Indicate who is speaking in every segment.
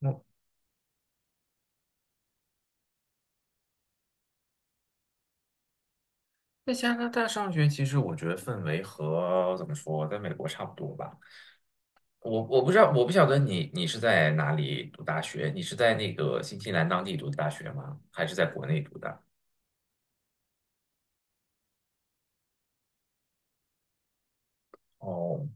Speaker 1: 嗯，在加拿大上学，其实我觉得氛围和怎么说，在美国差不多吧。我不知道，我不晓得你是在哪里读大学？你是在那个新西兰当地读的大学吗？还是在国内读的？哦，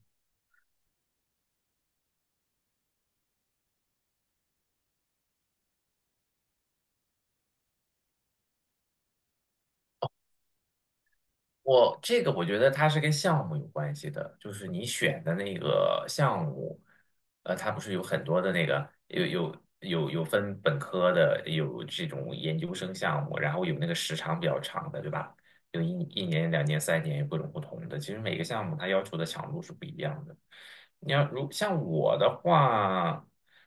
Speaker 1: 我这个我觉得它是跟项目有关系的，就是你选的那个项目，它不是有很多的那个有分本科的，有这种研究生项目，然后有那个时长比较长的，对吧？有一年、两年、三年，有各种不同的。其实每个项目它要求的强度是不一样的。你要如像我的话，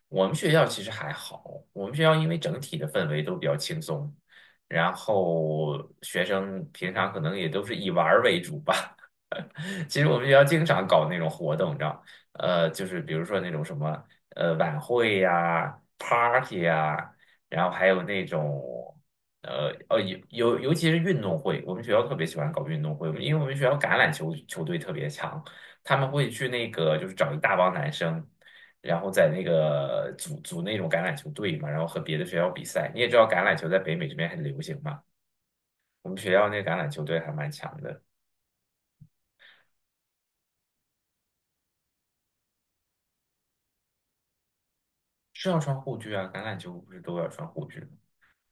Speaker 1: 我们学校其实还好，我们学校因为整体的氛围都比较轻松。然后学生平常可能也都是以玩儿为主吧。其实我们学校经常搞那种活动，你知道，就是比如说那种什么晚会呀、party 呀，然后还有那种尤其是运动会，我们学校特别喜欢搞运动会，因为我们学校橄榄球球队特别强，他们会去那个就是找一大帮男生。然后在那个组那种橄榄球队嘛，然后和别的学校比赛。你也知道橄榄球在北美这边很流行嘛，我们学校那橄榄球队还蛮强的。是要穿护具啊，橄榄球不是都要穿护具吗？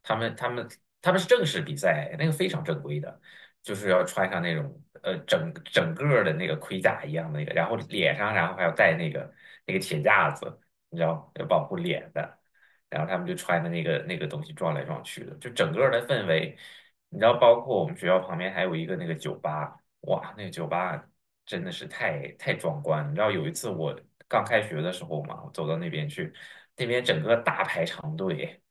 Speaker 1: 他们他们他们是正式比赛，那个非常正规的，就是要穿上那种整整个儿的那个盔甲一样的那个，然后脸上然后还要戴那个那个铁架子，你知道，要保护脸的。然后他们就穿的那个那个东西撞来撞去的，就整个儿的氛围，你知道，包括我们学校旁边还有一个那个酒吧。哇，那个酒吧真的是太壮观了，你知道有一次我刚开学的时候嘛，我走到那边去，那边整个大排长队。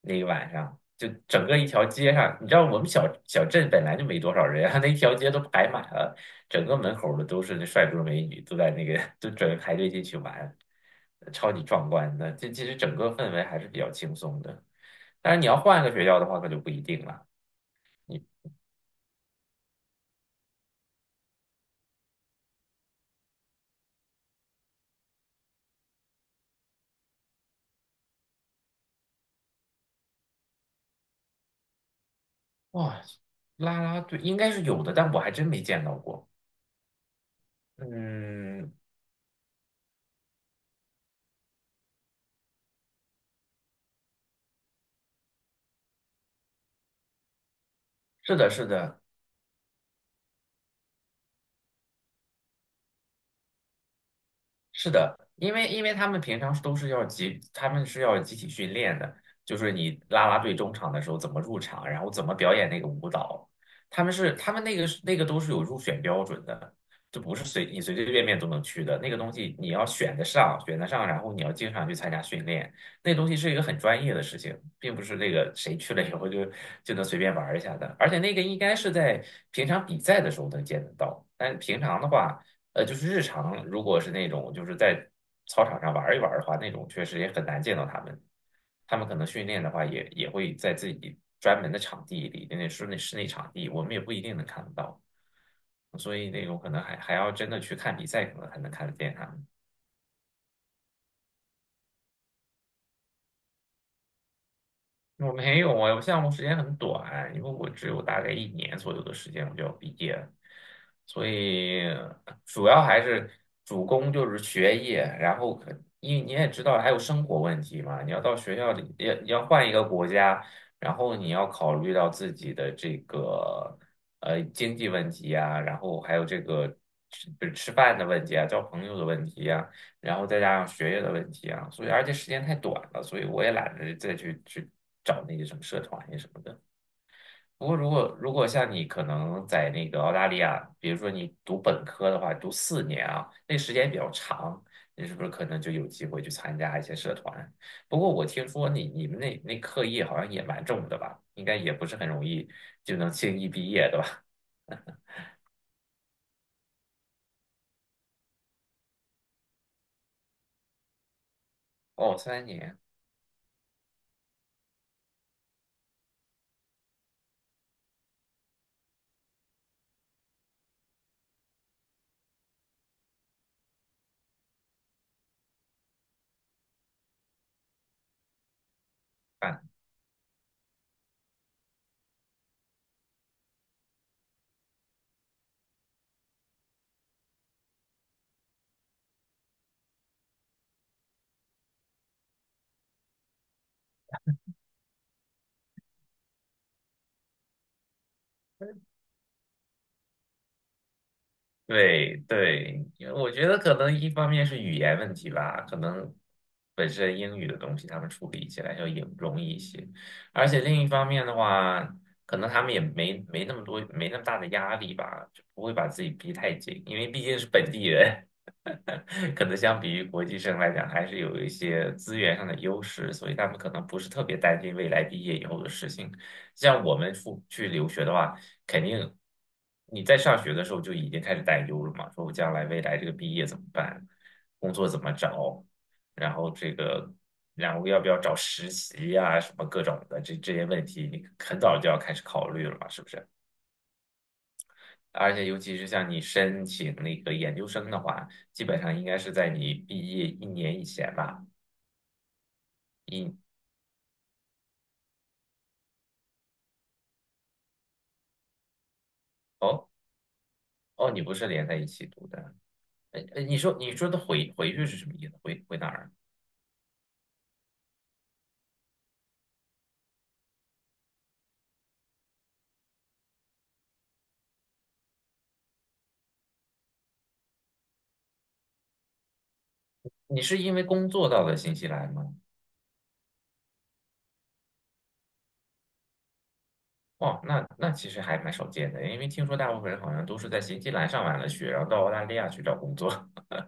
Speaker 1: 那个晚上就整个一条街上，你知道我们小镇本来就没多少人啊，那一条街都排满了，整个门口儿的都是那帅哥美女，都在那个 都准备排队进去玩，超级壮观的。这其实整个氛围还是比较轻松的，但是你要换个学校的话，可就不一定了。哇，啦啦队应该是有的，但我还真没见到过。嗯，是的，是的，是的，因为他们平常都是要集，他们是要集体训练的，就是你啦啦队中场的时候怎么入场，然后怎么表演那个舞蹈，他们是他们那个是那个都是有入选标准的，就不是随随便便都能去的，那个东西你要选得上，选得上，然后你要经常去参加训练。那东西是一个很专业的事情，并不是那个谁去了以后就能随便玩儿一下的，而且那个应该是在平常比赛的时候能见得到，但平常的话，就是日常如果是那种就是在操场上玩儿一玩儿的话，那种确实也很难见到他们。他们可能训练的话也，也会在自己专门的场地里，那室内场地，我们也不一定能看得到。所以那种可能还要真的去看比赛，可能才能看得见他们。我没有啊，我项目时间很短，因为我只有大概一年左右的时间我就要毕业了，所以主要还是主攻就是学业，然后因为你也知道还有生活问题嘛，你要到学校里要换一个国家，然后你要考虑到自己的这个经济问题呀，然后还有这个吃饭的问题啊，交朋友的问题，然后再加上学业的问题啊，所以而且时间太短了，所以我也懒得去找那些什么社团呀什么的。不过如果像你可能在那个澳大利亚，比如说你读本科的话，读4年啊，那时间比较长，你是不是可能就有机会去参加一些社团？不过我听说你们那课业好像也蛮重的吧，应该也不是很容易就能轻易毕业的吧？哦，三年。对对，因为我觉得可能一方面是语言问题吧，可能本身英语的东西他们处理起来要也容易一些，而且另一方面的话，可能他们也没没那么多没那么大的压力吧，就不会把自己逼太紧，因为毕竟是本地人。可能相比于国际生来讲，还是有一些资源上的优势，所以他们可能不是特别担心未来毕业以后的事情。像我们出去留学的话，肯定你在上学的时候就已经开始担忧了嘛，说我将来未来这个毕业怎么办，工作怎么找，然后这个，然后要不要找实习呀、什么各种的这些问题，你很早就要开始考虑了嘛，是不是？而且尤其是像你申请那个研究生的话，基本上应该是在你毕业一年以前吧，一哦。哦，你不是连在一起读的。你说的回去是什么意思？回哪儿？你是因为工作到了新西兰吗？哦，那那其实还蛮少见的，因为听说大部分人好像都是在新西兰上完了学，然后到澳大利亚去找工作。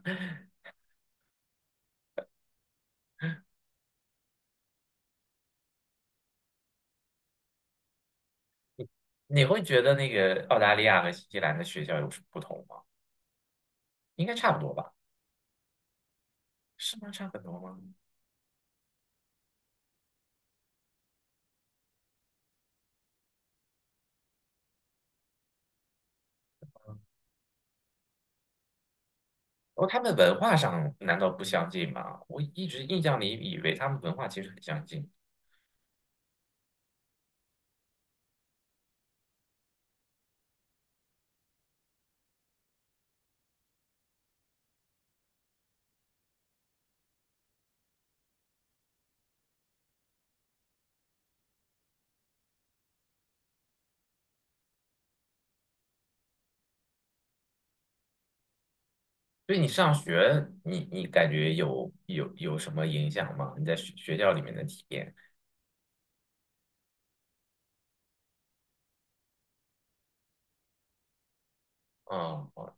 Speaker 1: 你会觉得那个澳大利亚和新西兰的学校有什么不同吗？应该差不多吧？是吗？差很多吗？哦，他们文化上难道不相近吗？我一直印象里以为他们文化其实很相近。对你上学，你感觉有什么影响吗？你在学校里面的体验？哦。哦，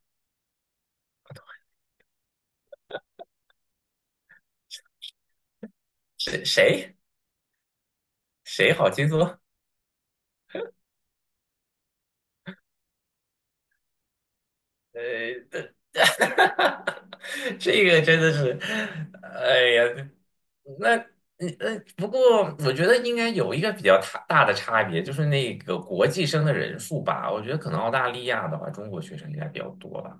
Speaker 1: 谁谁谁好轻松？呃，这个真的是，哎呀。那不过我觉得应该有一个比较大的差别，就是那个国际生的人数吧。我觉得可能澳大利亚的话，中国学生应该比较多吧。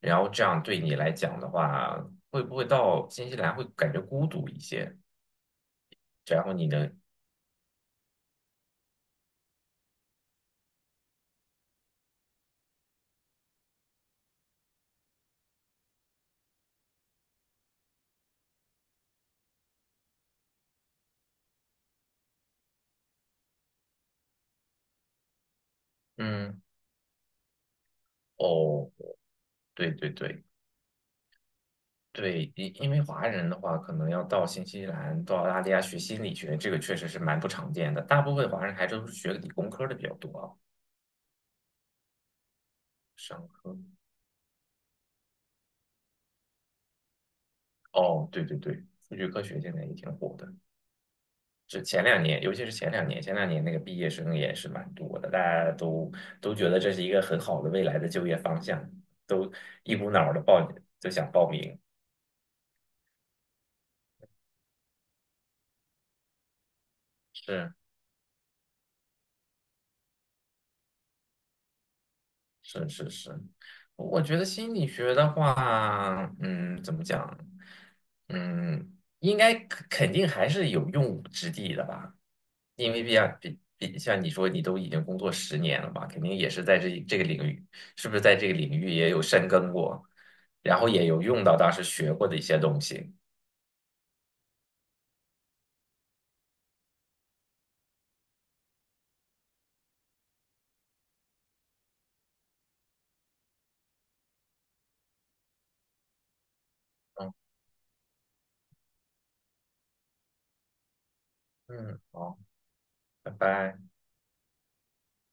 Speaker 1: 然后这样对你来讲的话，会不会到新西兰会感觉孤独一些？然后你的，嗯，哦，对对对。对，因为华人的话，可能要到新西兰、到澳大利亚学心理学，这个确实是蛮不常见的。大部分华人还都是学理工科的比较多啊，商科。哦，对对对，数据科学现在也挺火的。这前两年，尤其是前两年，前两年那个毕业生也是蛮多的，大家都觉得这是一个很好的未来的就业方向，都一股脑的报，就想报名。是，是是是，我觉得心理学的话，嗯，怎么讲，嗯，应该肯定还是有用武之地的吧，因为像你说你都已经工作10年了吧，肯定也是在这个领域，是不是在这个领域也有深耕过，然后也有用到当时学过的一些东西。嗯嗯，好，拜拜。